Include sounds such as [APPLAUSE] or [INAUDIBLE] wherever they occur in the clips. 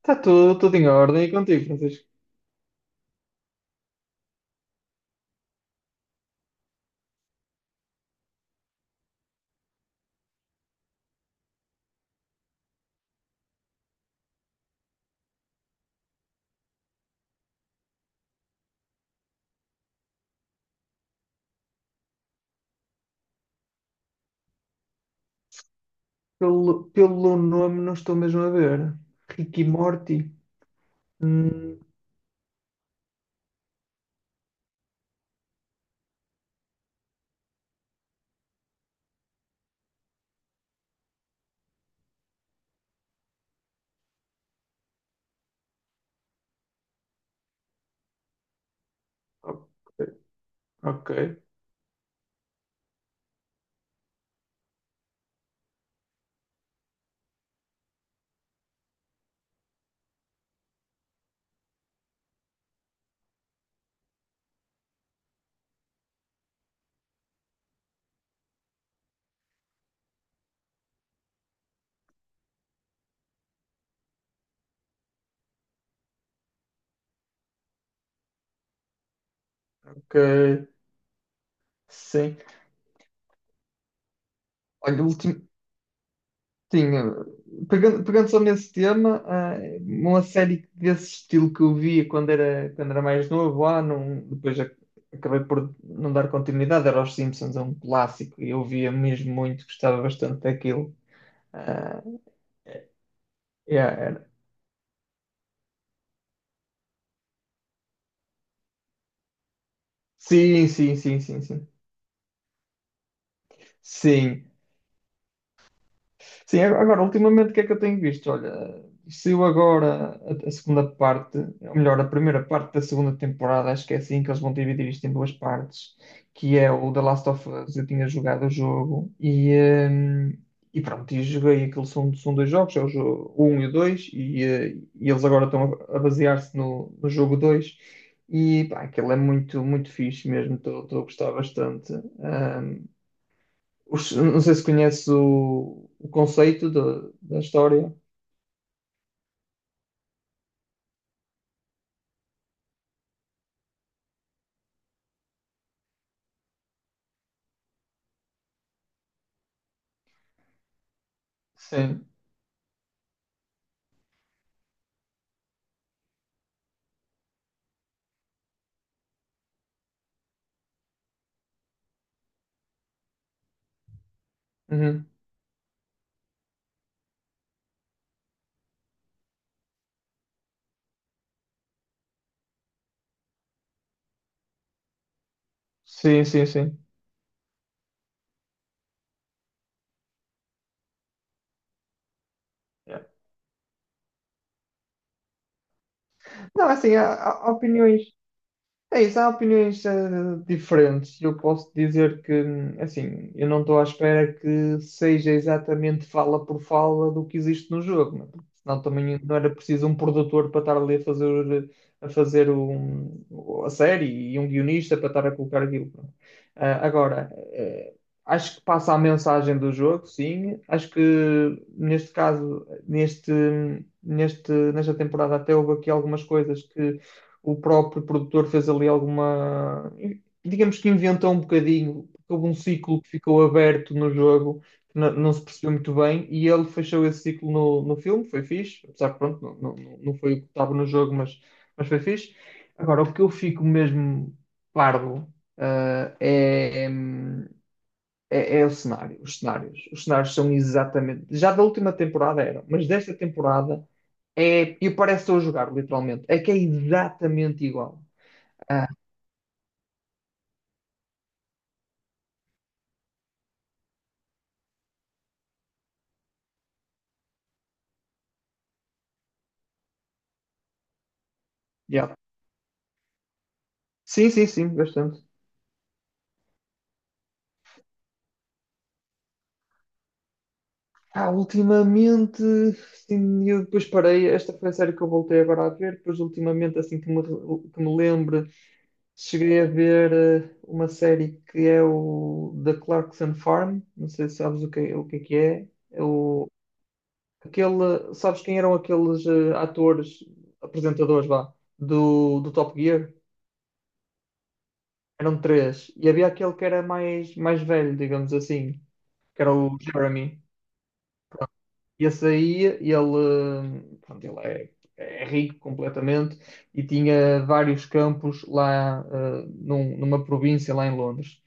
Está tudo em ordem e contigo, Francisco. Pelo nome não estou mesmo a ver. Ricky Morty. Hum, ok, ok, ok. Sim. Olha, o último. Tinha. Pegando só nesse tema, uma série desse estilo que eu via quando era mais novo, ah, não, depois acabei por não dar continuidade, era Os Simpsons, é um clássico, e eu via mesmo muito, gostava bastante daquilo. Ah, yeah, era. Sim, sim, sim, sim, sim, sim. Sim, agora, ultimamente, o que é que eu tenho visto? Olha, saiu agora a segunda parte, ou melhor, a primeira parte da segunda temporada, acho que é assim que eles vão dividir isto em duas partes, que é o The Last of Us. Eu tinha jogado o jogo hum, e pronto, e joguei aquilo, são dois jogos, é o jogo 1 e o 2, e, e eles agora estão a basear-se no jogo dois. E pá, aquilo é muito fixe mesmo, estou a gostar bastante. Ahm, não sei se conheces o conceito da história. Sim. Uhum. Sim, sim, sim. Yeah. Não, assim, há opiniões. É isso, há opiniões diferentes. Eu posso dizer que, assim, eu não estou à espera que seja exatamente fala por fala do que existe no jogo, né? Porque senão também não era preciso um produtor para estar ali a fazer, a fazer a série e um guionista para estar a colocar aquilo, pronto. Ah, agora, eh, acho que passa a mensagem do jogo, sim. Acho que neste caso, neste, neste, nesta temporada até houve aqui algumas coisas que o próprio produtor fez ali alguma. Digamos que inventou um bocadinho, houve um ciclo que ficou aberto no jogo, que não se percebeu muito bem, e ele fechou esse ciclo no filme, foi fixe, apesar que pronto, não, não, não foi o que estava no jogo, mas foi fixe. Agora, o que eu fico mesmo parvo ah, é, é é, é o cenário, os cenários. Os cenários são exatamente. Já da última temporada eram, mas desta temporada é. E parece que estou a jogar, literalmente. É que é exatamente igual. Ah, yeah. Sim, sim, sim, bastante. Ah, ultimamente, sim, eu depois parei. Esta foi a série que eu voltei agora a ver. Depois, ultimamente, que me lembro, cheguei a ver uma série que é o The Clarkson Farm. Não sei se sabes o que é que é. É o, aquele, sabes quem eram aqueles atores, apresentadores, vá, do Top Gear? Eram três. E havia aquele que era mais velho, digamos assim, que era o Jeremy. E esse aí, ele, eh, pronto, é rico completamente e tinha vários campos lá, numa província lá em Londres.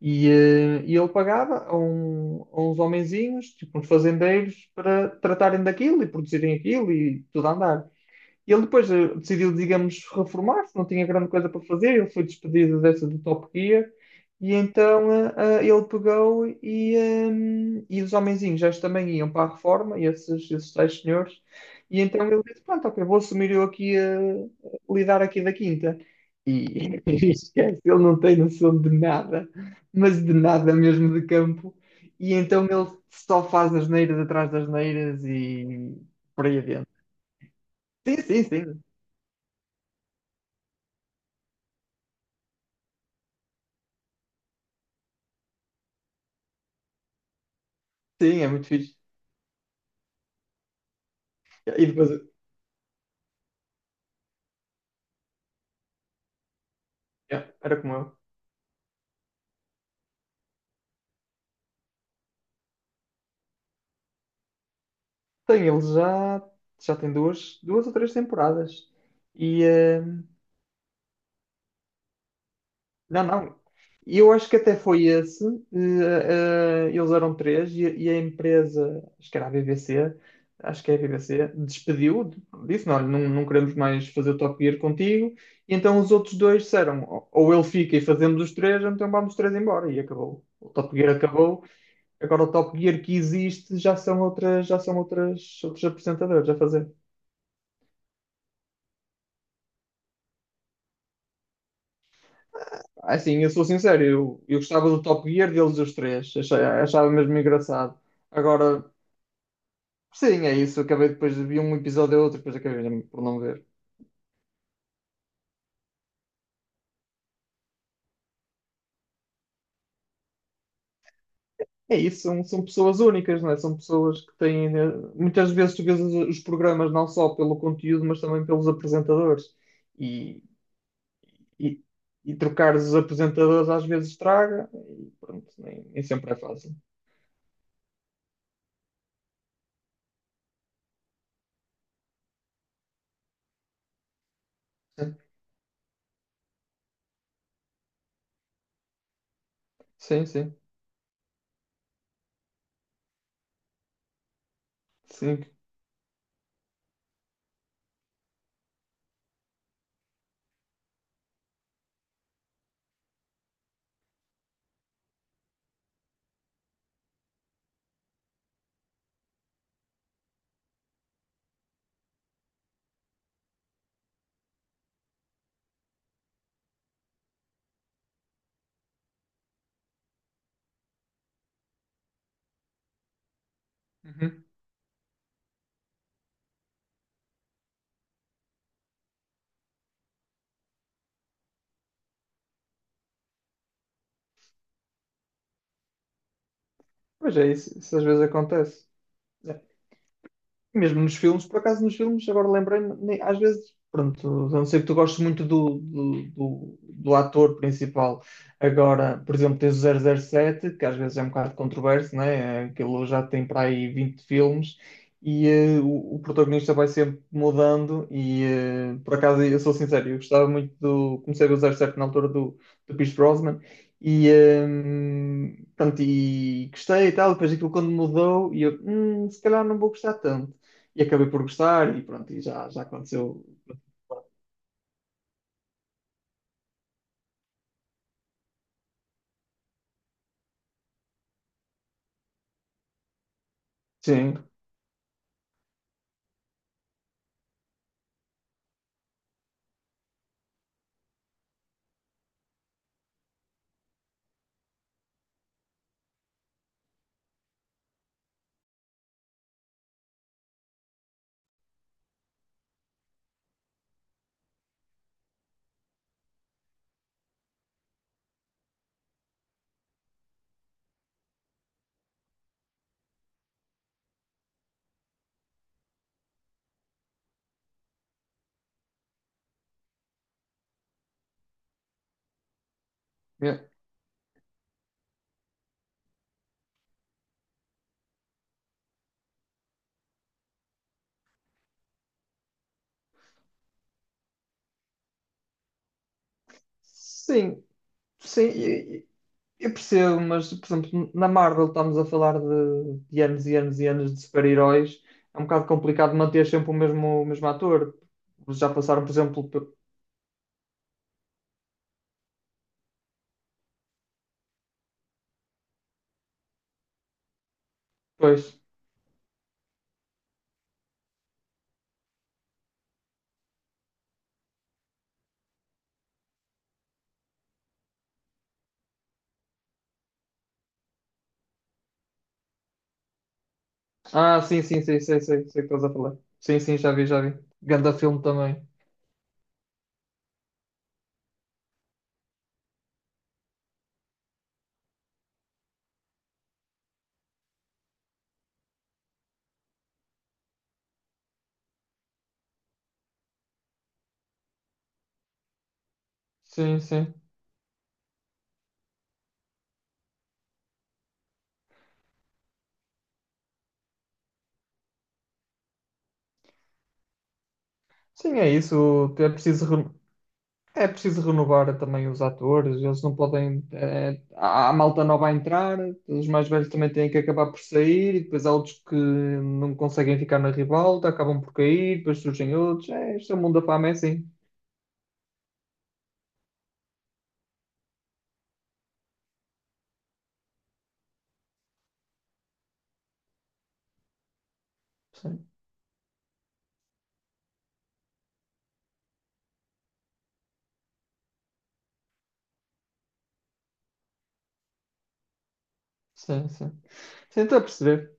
E, eh, e ele pagava a uns homenzinhos, tipo uns fazendeiros, para tratarem daquilo e produzirem aquilo e tudo a andar. E ele depois decidiu, digamos, reformar-se, não tinha grande coisa para fazer, ele foi despedido dessa do Top Gear, e então ele pegou e, e os homenzinhos já também iam para a reforma, e esses tais senhores, e então ele disse, pronto, ok, vou assumir eu aqui a lidar aqui da quinta. E [LAUGHS] esquece, ele não tem noção de nada, mas de nada mesmo de campo, e então ele só faz asneiras atrás das neiras e por aí adiante. Sim, sim, sim. Sim, é muito fixe. E depois, yeah, era como eu. Tem, já tem duas, duas ou três temporadas. E, eh, não, não. E eu acho que até foi esse. Eles eram três e a empresa, acho que era a BBC, acho que é a BBC, despediu, disse, não, olha, não, não queremos mais fazer o Top Gear contigo. E então os outros dois disseram, ou ele fica e fazemos os três, ou então vamos os três embora. E acabou. O Top Gear acabou. Agora o Top Gear que existe já são outras, outros apresentadores a fazer. Ah, assim, eu sou sincero, eu gostava do Top Gear deles os três, achava mesmo engraçado. Agora, sim, é isso. Acabei depois de ver um episódio ou outro, depois acabei por não ver. É isso, são pessoas únicas, não é? São pessoas que têm, eh, muitas vezes tu vês os programas não só pelo conteúdo, mas também pelos apresentadores. E, e, e trocar os apresentadores às vezes traga, e pronto, nem sempre é fácil. Sim, sim, sim. Uhum. Mas é isso, isso às vezes acontece. Mesmo nos filmes, por acaso nos filmes, agora lembrei-me, às vezes, pronto, a não ser que tu gostes muito do ator principal. Agora, por exemplo, tens o zero zero sete que às vezes é um bocado controverso, né? Aquilo já tem para aí 20 filmes e o protagonista vai sempre mudando. E por acaso, eu sou sincero, eu gostava muito do. Comecei a ver o 007 na altura do Pierce Brosnan. E, pronto, e gostei e tal, depois aquilo quando mudou, e eu, se calhar não vou gostar tanto", e acabei por gostar e pronto, já aconteceu. Sim, é. Sim, sim, eu percebo, mas por exemplo, na Marvel estamos a falar de anos e anos e anos de super-heróis, é um bocado complicado manter sempre o mesmo ator. Já passaram, por exemplo, pois. Ah, sim, sim, sim, sei, sei, sei o que estás a falar. Sim, sim, já vi, já vi. Ganda filme também. Sim, sim. Sim, é isso. É preciso. É preciso renovar também os atores, eles não podem, eh, há malta nova a entrar, os mais velhos também têm que acabar por sair, e depois há outros que não conseguem ficar na ribalta, acabam por cair, depois surgem outros. É, este é o mundo da fama, é assim. Sim, sim, sim. Sim, estou a perceber.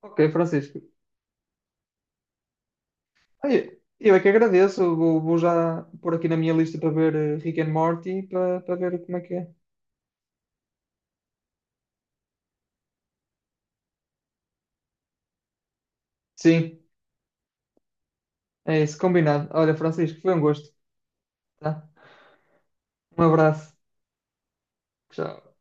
Ok, Francisco. Ai, eu é que agradeço, vou já pôr aqui na minha lista para ver Rick and Morty, para ver como é que é. Sim, é isso, combinado. Olha, Francisco, foi um gosto, tá? Um abraço. Tchau.